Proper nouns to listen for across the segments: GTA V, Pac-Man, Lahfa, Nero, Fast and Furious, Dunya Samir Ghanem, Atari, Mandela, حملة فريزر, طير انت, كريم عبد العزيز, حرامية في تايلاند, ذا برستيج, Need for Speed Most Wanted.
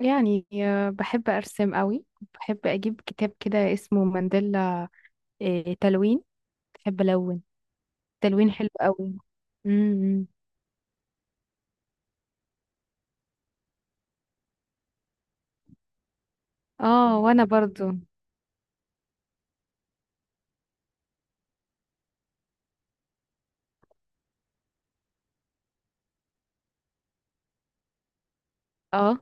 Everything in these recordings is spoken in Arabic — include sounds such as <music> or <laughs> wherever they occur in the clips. بحب أرسم قوي. بحب أجيب كتاب كده اسمه مانديلا. تلوين، بحب ألون. تلوين حلو قوي. امم اه وانا برضو اه.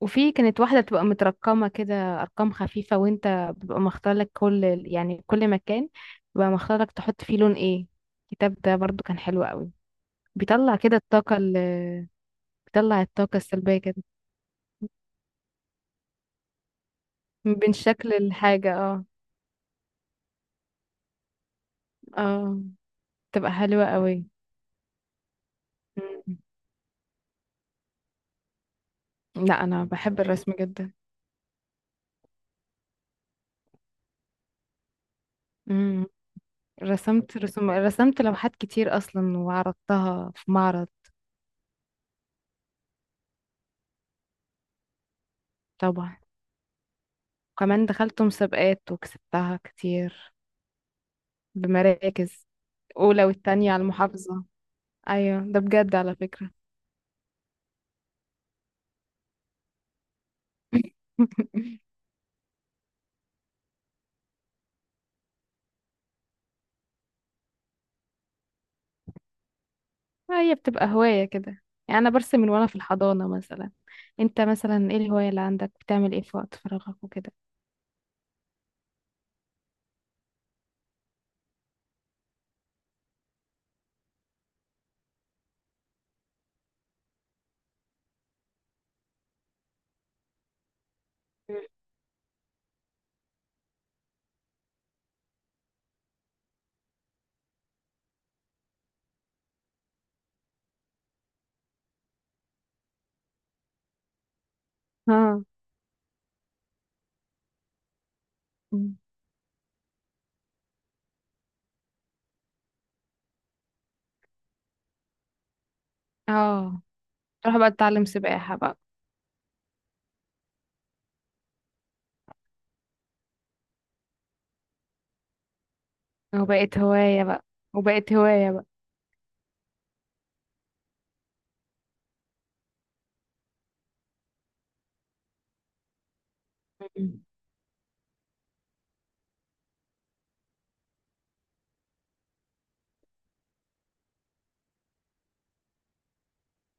وفي كانت واحدة تبقى مترقمة كده، أرقام خفيفة، وانت بيبقى مختار لك كل مكان، بيبقى مختار لك تحط فيه لون ايه. الكتاب ده برضو كان حلو قوي. بيطلع كده الطاقة ال- بيطلع الطاقة السلبية كده. من شكل الحاجة اه. اه تبقى حلوة قوي. لا انا بحب الرسم جدا. امم رسمت رسمت لوحات كتير اصلا وعرضتها في معرض. طبعا. وكمان دخلت مسابقات وكسبتها كتير، بمراكز اولى والتانية على المحافظة. ايوه ده بجد على فكرة. <laughs> هي بتبقى هواية كده، يعني انا برسم من وانا في الحضانة مثلا. انت مثلا ايه الهواية اللي عندك؟ بتعمل ايه في وقت فراغك وكده؟ مم. اه. مم. اه. تروح بقى تتعلم سباحة بقى. وبقت هواية بقى، وبقت هواية بقى. مم.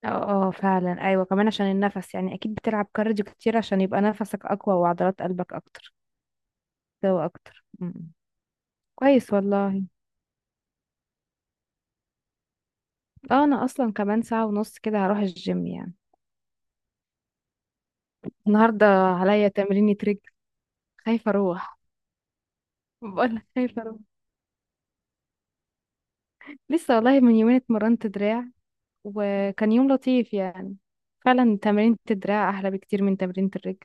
اه. اه فعلا، ايوه كمان عشان النفس، يعني اكيد بتلعب كارديو كتير عشان يبقى نفسك اقوى وعضلات قلبك اكتر قوي اكتر م- م. كويس والله. اه انا اصلا كمان ساعة ونص كده هروح الجيم يعني. النهاردة عليا تمرينة رجل، خايفة اروح. بقول لك خايفة اروح. لسه والله من يومين اتمرنت دراع، وكان يوم لطيف يعني. فعلا تمرينة الدراع احلى بكتير من تمرينة الرجل.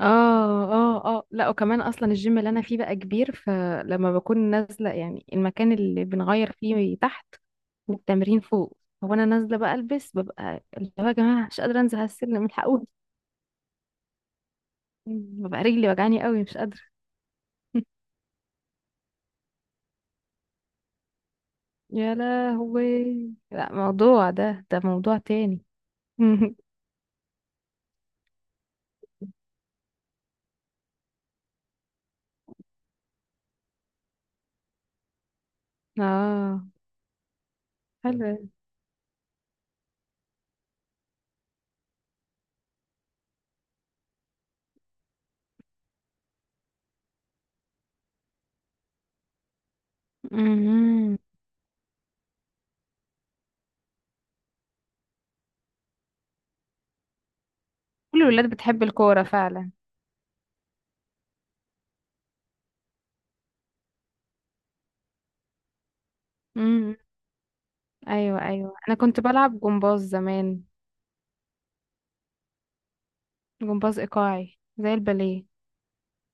اه اه اه. لا وكمان اصلا الجيم اللي انا فيه بقى كبير، فلما بكون نازله، يعني المكان اللي بنغير فيه تحت والتمرين فوق. هو انا نازله بقى البس، ببقى اللي هو يا جماعه مش قادره انزل على السلم، الحقوني. ببقى رجلي وجعاني قوي، مش قادره. <laughs> يا لهوي. لا موضوع ده ده موضوع تاني. <laughs> اه. حلو. مهم. كل الولاد بتحب الكوره فعلا. مم. ايوه ايوه، انا كنت بلعب جمباز زمان، جمباز ايقاعي زي الباليه.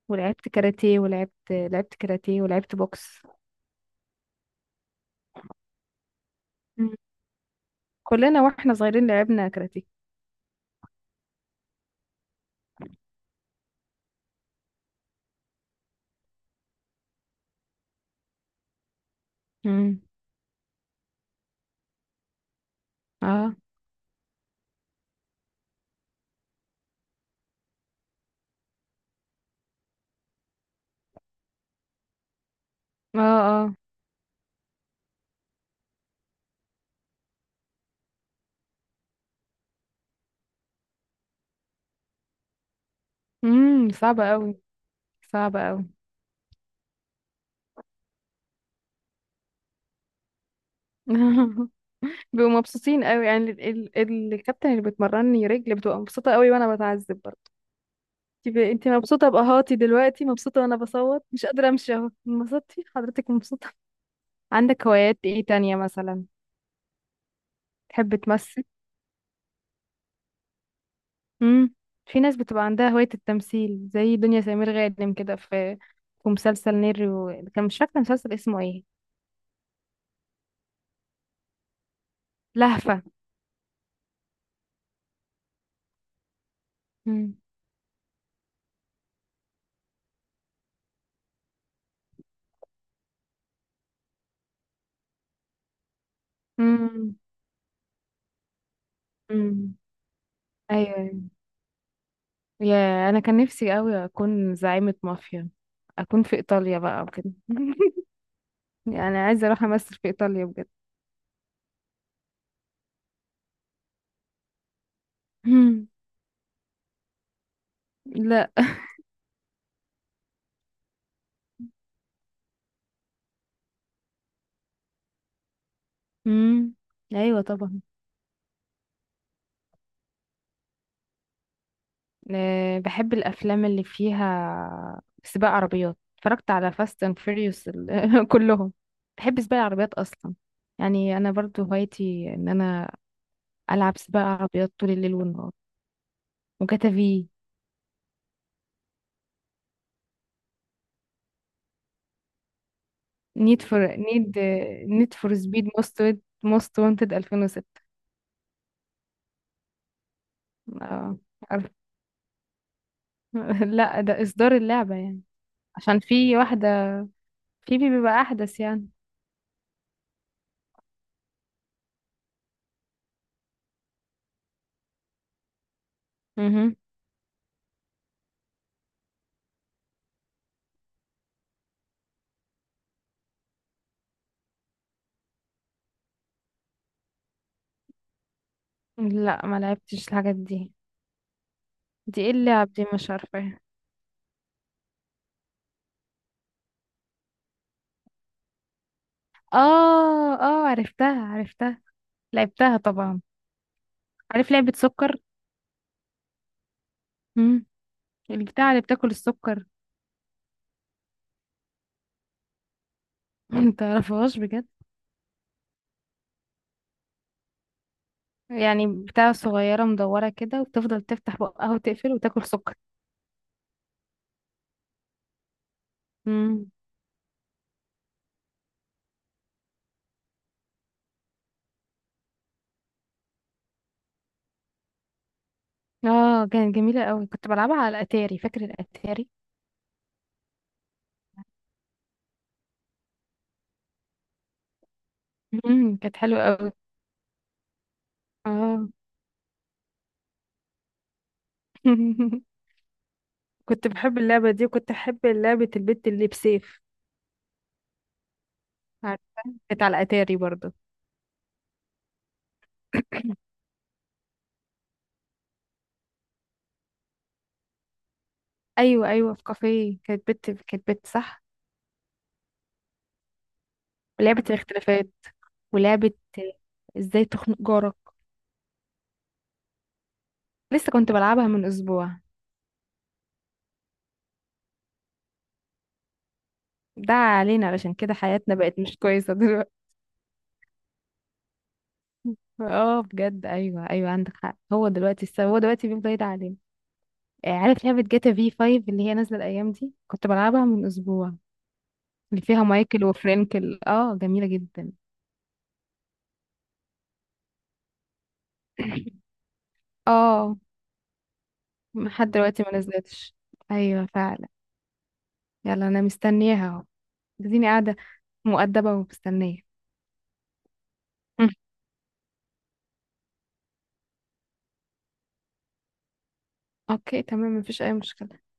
ولعبت كاراتيه ولعبت لعبت كاراتيه ولعبت بوكس. مم. كلنا واحنا صغيرين لعبنا كاراتيه. امم اه اه اه. صعبة قوي، صعبة قوي. <laughs> بيبقوا مبسوطين قوي، يعني الكابتن اللي بتمرني رجل بتبقى مبسوطة قوي وانا بتعذب برضه. انت مبسوطة بقهاتي دلوقتي، مبسوطة، وانا بصوت مش قادرة امشي. اهو انبسطتي حضرتك، مبسوطة. عندك هوايات ايه تانية مثلا؟ تحب تمثل؟ امم في ناس بتبقى عندها هواية التمثيل زي دنيا سمير غانم كده. في في مسلسل نيرو، كان مش فاكرة مسلسل اسمه ايه. لهفة. مم. امم امم ايوه أيوة. يا انا كان نفسي قوي اكون زعيمة مافيا، اكون في ايطاليا بقى وكده. <laughs> يعني عايزة اروح امثل في ايطاليا بجد. مم. لا. امم ايوه طبعا. بحب الافلام اللي فيها سباق عربيات، اتفرجت على فاست اند فيريوس <laughs> كلهم. بحب سباق العربيات اصلا. يعني انا برضو هوايتي ان انا العب سباق عربيات طول الليل والنهار. وجاتا في. نيد فور نيد نيد فور سبيد موست وانتد 2006. اه عارف. <laughs> لا ده اصدار اللعبة يعني. عشان في واحدة في بي بيبقى احدث يعني. مهم. لا ما لعبتش الحاجات دي. دي ايه اللعب دي؟ مش عارفة. اه اه، عرفتها، لعبتها طبعا. عارف لعبة سكر؟ امم البتاع اللي بتاكل السكر. <laughs> متعرفهاش بجد. يعني بتاع صغيرة مدورة كده وبتفضل تفتح بقها وتقفل وتاكل سكر. امم اه كانت جميلة قوي، كنت بلعبها على الاتاري. فاكر الاتاري؟ كانت حلوة قوي. اه. <laughs> كنت بحب اللعبة دي، وكنت أحب لعبة البت اللي بسيف. عارفة؟ كانت على الاتاري برضو. ايوه ايوه، في كافيه، كانت بت صح. ولعبة الاختلافات، ولعبة ازاي تخنق جارك. لسه كنت بلعبها من اسبوع. ده علينا، علشان كده حياتنا بقت مش كويسة دلوقتي. اه بجد، ايوه ايوه عندك حق. هو دلوقتي بيفضل يدعي علينا. عارف لعبة جاتا في 5 اللي هي نازلة الايام دي؟ كنت بلعبها من اسبوع. اللي فيها مايكل وفرانكل، اه جميلة جدا. <coughs> اه لحد دلوقتي ما نزلتش. ايوه فعلا. يلا انا مستنياها اهو، اديني قاعدة مؤدبة ومستنية. <laughs> اوكي تمام، مفيش اي مشكلة.